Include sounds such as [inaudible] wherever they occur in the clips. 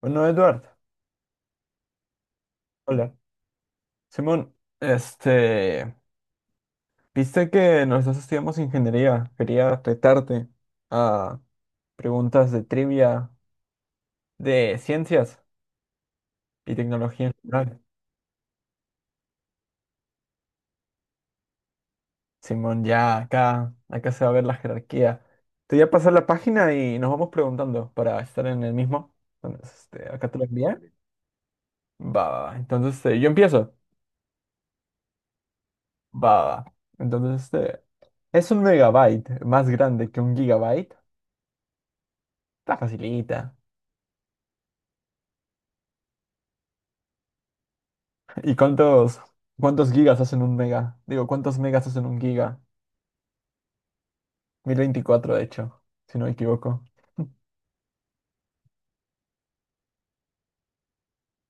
Bueno, Eduardo, hola. Simón, este, viste que nosotros estudiamos ingeniería. Quería retarte a preguntas de trivia de ciencias y tecnología en general. Simón, ya acá, se va a ver la jerarquía. Te voy a pasar la página y nos vamos preguntando para estar en el mismo. Entonces, acá te lo envié. Va. Entonces, yo empiezo. Va. Entonces, ¿es un megabyte más grande que un gigabyte? Está facilita. ¿Y cuántos gigas hacen un mega? Digo, ¿cuántos megas hacen un giga? Mil veinticuatro de hecho, si no me equivoco.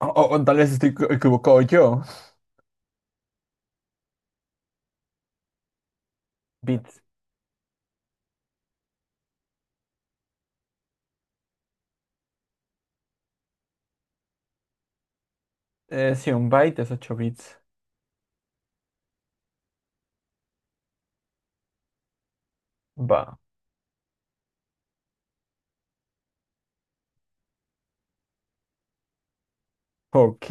O tal vez estoy equivocado yo. Bits. Sí, un byte es ocho bits. Va. Ok.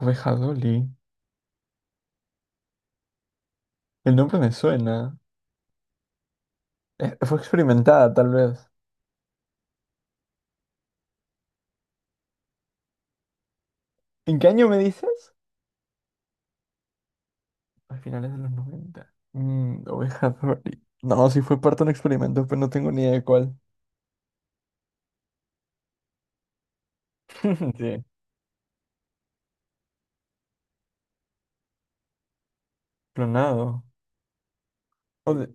Oveja Dolly. El nombre me suena. Fue experimentada, tal vez. ¿En qué año me dices? A finales de los noventa. Mm, Oveja Dolly. No, sí fue parte de un experimento, pero no tengo ni idea de cuál. [laughs] Sí. Clonado. Oye,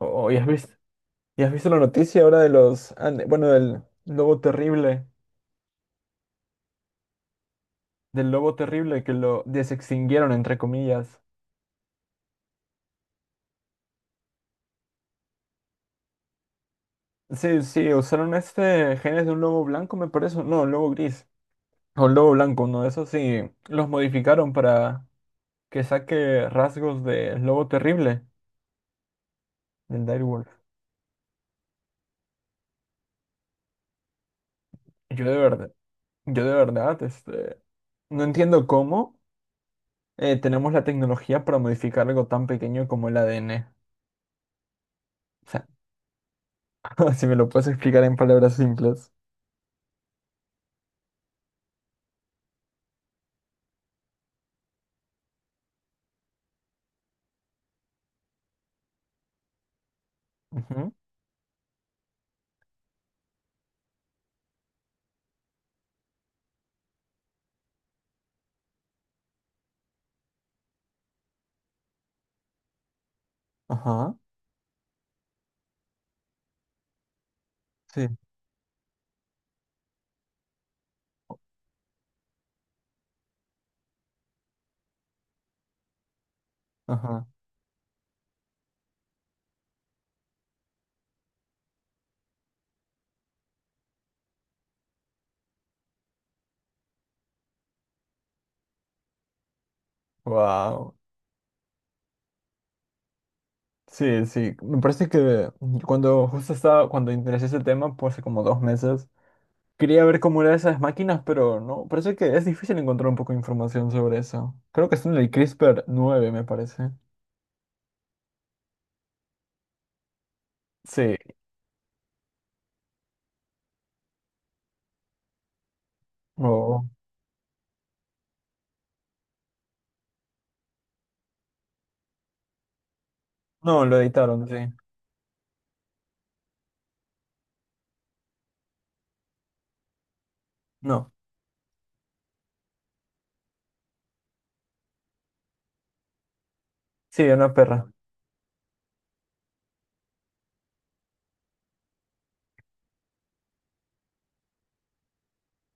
oh, ya has visto. ¿Y has visto la noticia ahora de los, bueno, del lobo terrible que lo desextinguieron, entre comillas? Sí, sí, usaron genes de un lobo blanco, me parece, no, un lobo gris, o un lobo blanco, uno de esos, sí, los modificaron para que saque rasgos del lobo terrible, del direwolf. Yo de verdad, yo de verdad, no entiendo cómo tenemos la tecnología para modificar algo tan pequeño como el ADN. O sea, [laughs] si me lo puedes explicar en palabras simples. Ujú. Ajá, sí, ajá. Wow. Sí, sí. Me parece que cuando justo estaba, cuando interesé ese tema, pues hace como dos meses, quería ver cómo eran esas máquinas, pero no, parece que es difícil encontrar un poco de información sobre eso. Creo que está en el CRISPR nueve me parece. Sí. Oh. No, lo editaron, sí. No. Sí, una perra.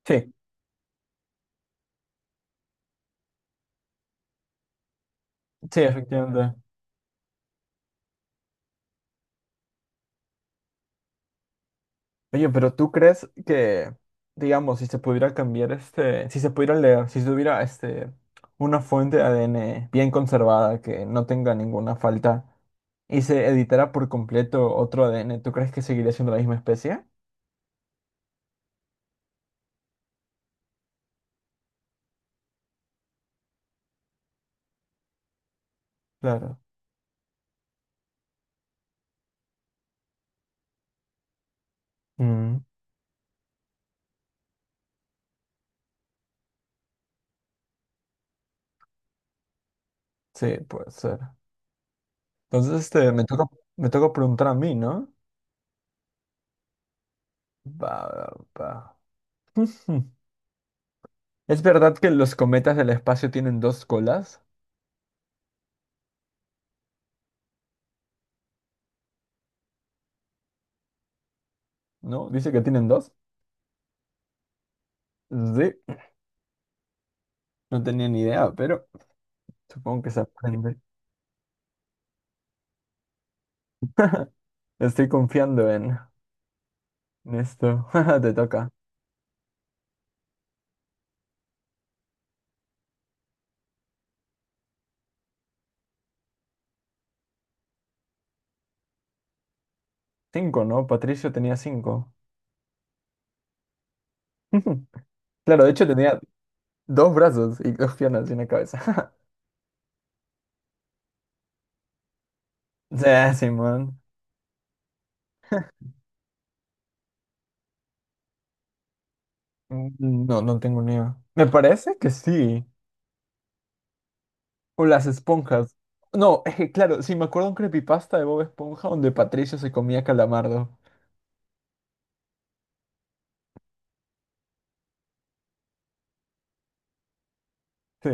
Sí, sí, efectivamente. Oye, pero ¿tú crees que, digamos, si se pudiera cambiar si se pudiera leer, si tuviera una fuente de ADN bien conservada que no tenga ninguna falta y se editara por completo otro ADN, ¿tú crees que seguiría siendo la misma especie? Claro. Mm, sí, puede ser. Entonces, me toca preguntar a mí, ¿no? Va, va. [laughs] Ujú. ¿Es verdad que los cometas del espacio tienen dos colas? ¿No? Dice que tienen dos. Sí, no tenía ni idea, pero... Supongo que se aprende. [laughs] Estoy confiando en esto. [laughs] Te toca. Cinco, ¿no? Patricio tenía cinco. [laughs] Claro, de hecho tenía dos brazos y dos piernas y una cabeza. [laughs] Sí, Simón. Mm, no, no tengo ni idea. Me parece que sí. O las esponjas. No, es que claro, sí, me acuerdo un creepypasta de Bob Esponja donde Patricio se comía calamardo. Sí.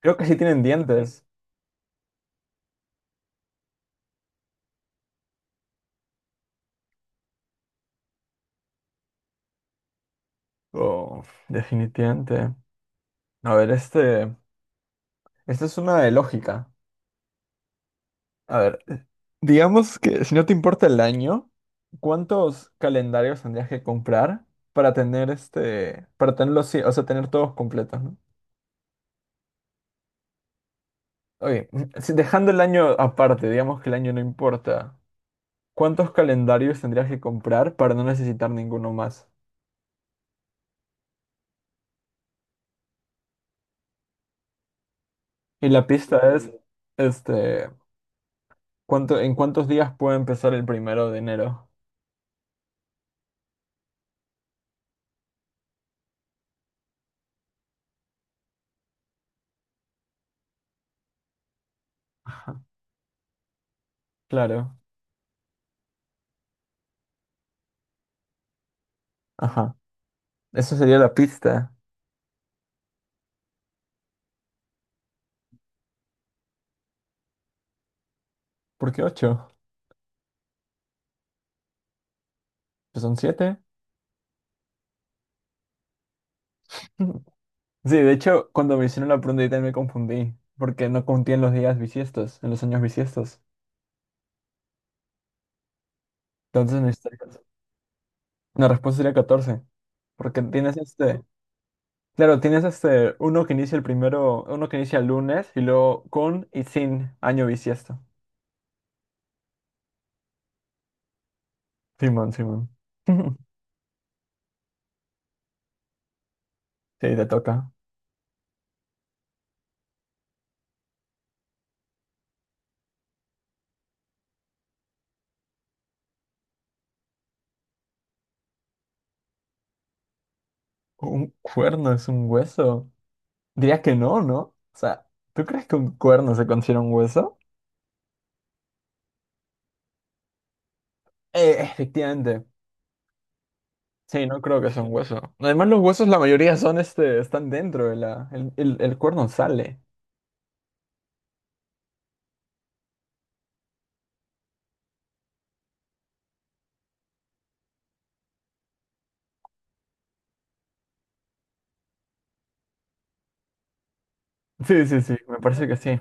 Creo que sí tienen dientes. Oh, definitivamente. A ver, este. Esta es una de lógica. A ver, digamos que si no te importa el año, ¿cuántos calendarios tendrías que comprar para tener para tenerlos, sí, o sea, tener todos completos, ¿no? Oye, [clears throat] si dejando el año aparte, digamos que el año no importa, ¿cuántos calendarios tendrías que comprar para no necesitar ninguno más? Y la pista es, este, ¿cuánto, en cuántos días puede empezar el primero de enero? Ajá, claro, ajá. Eso sería la pista. ¿Por qué ocho? Pues son siete. [laughs] Sí, de hecho, cuando me hicieron la pregunta también me confundí, porque no conté en los días bisiestos, en los años bisiestos. Entonces necesitaría... La respuesta sería 14, porque tienes este... Claro, tienes uno que inicia el primero, uno que inicia el lunes y luego con y sin año bisiesto. Simón, Simón. [laughs] Sí, te toca. ¿Un cuerno es un hueso? Diría que no, ¿no? O sea, ¿tú crees que un cuerno se considera un hueso? Efectivamente. Sí, no creo que sea un hueso. Además, los huesos, la mayoría son están dentro de la. El cuerno sale. Sí, sí, sí, me parece que sí.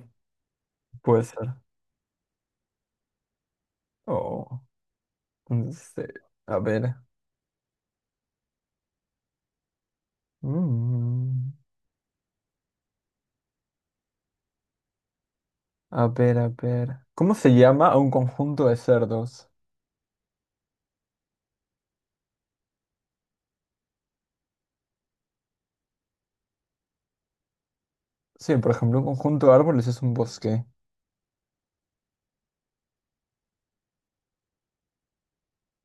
Puede ser. Oh. Este, a ver. Mm, a ver. ¿Cómo se llama a un conjunto de cerdos? Sí, por ejemplo, un conjunto de árboles es un bosque.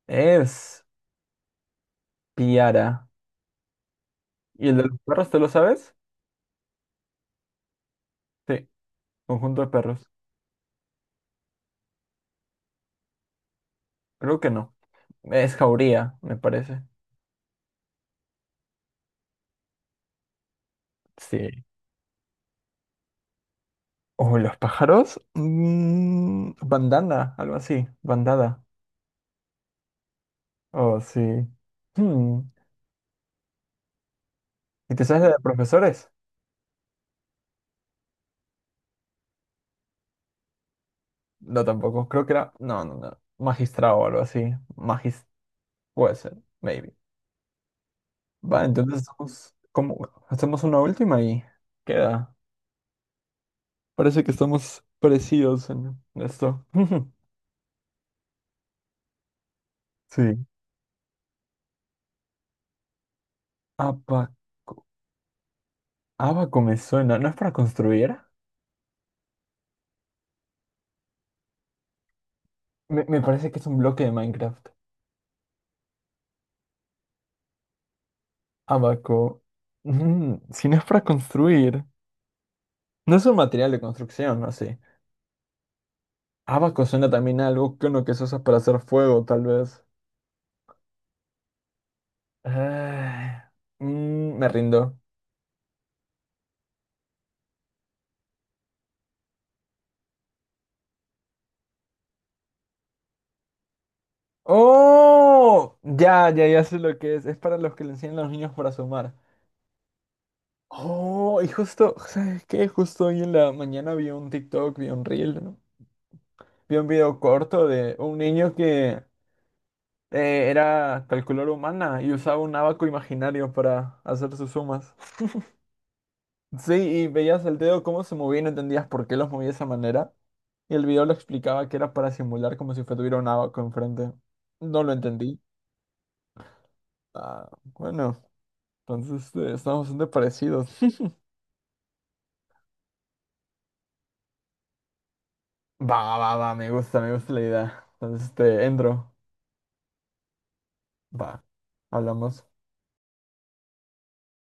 Es piara. ¿Y el de los perros, te lo sabes? Sí, conjunto de perros. Creo que no. Es jauría, me parece. Sí. ¿O los pájaros? Mm, bandana, algo así. Bandada. Oh, sí. Hmm. ¿Y te sabes de profesores? No, tampoco. Creo que era. No. Magistrado o algo así. Magis. Puede ser. Maybe. Va, entonces estamos. Como Hacemos una última y queda. Parece que estamos parecidos en esto. [laughs] Sí. Abaco. Abaco me suena. ¿No es para construir? Me parece que es un bloque de Minecraft. Abaco. Mm, si no es para construir. No es un material de construcción, no sé. Abaco suena también a algo que uno que se usa para hacer fuego, tal vez. Ah, mm, me rindo. ¡Oh! Ya sé lo que es. Es para los que le enseñan a los niños para sumar. Oh, y justo, ¿sabes qué? Justo hoy en la mañana vi un TikTok, vi un reel, ¿no? Vi un video corto de un niño que era calculadora humana y usaba un abaco imaginario para hacer sus sumas. Sí, y veías el dedo cómo se movía y no entendías por qué los movía de esa manera. Y el video lo explicaba que era para simular como si fue- tuviera un abaco enfrente. No lo entendí. Ah, bueno, entonces estamos bastante parecidos. [laughs] Va, me gusta la idea. Entonces, entro. Va, hablamos.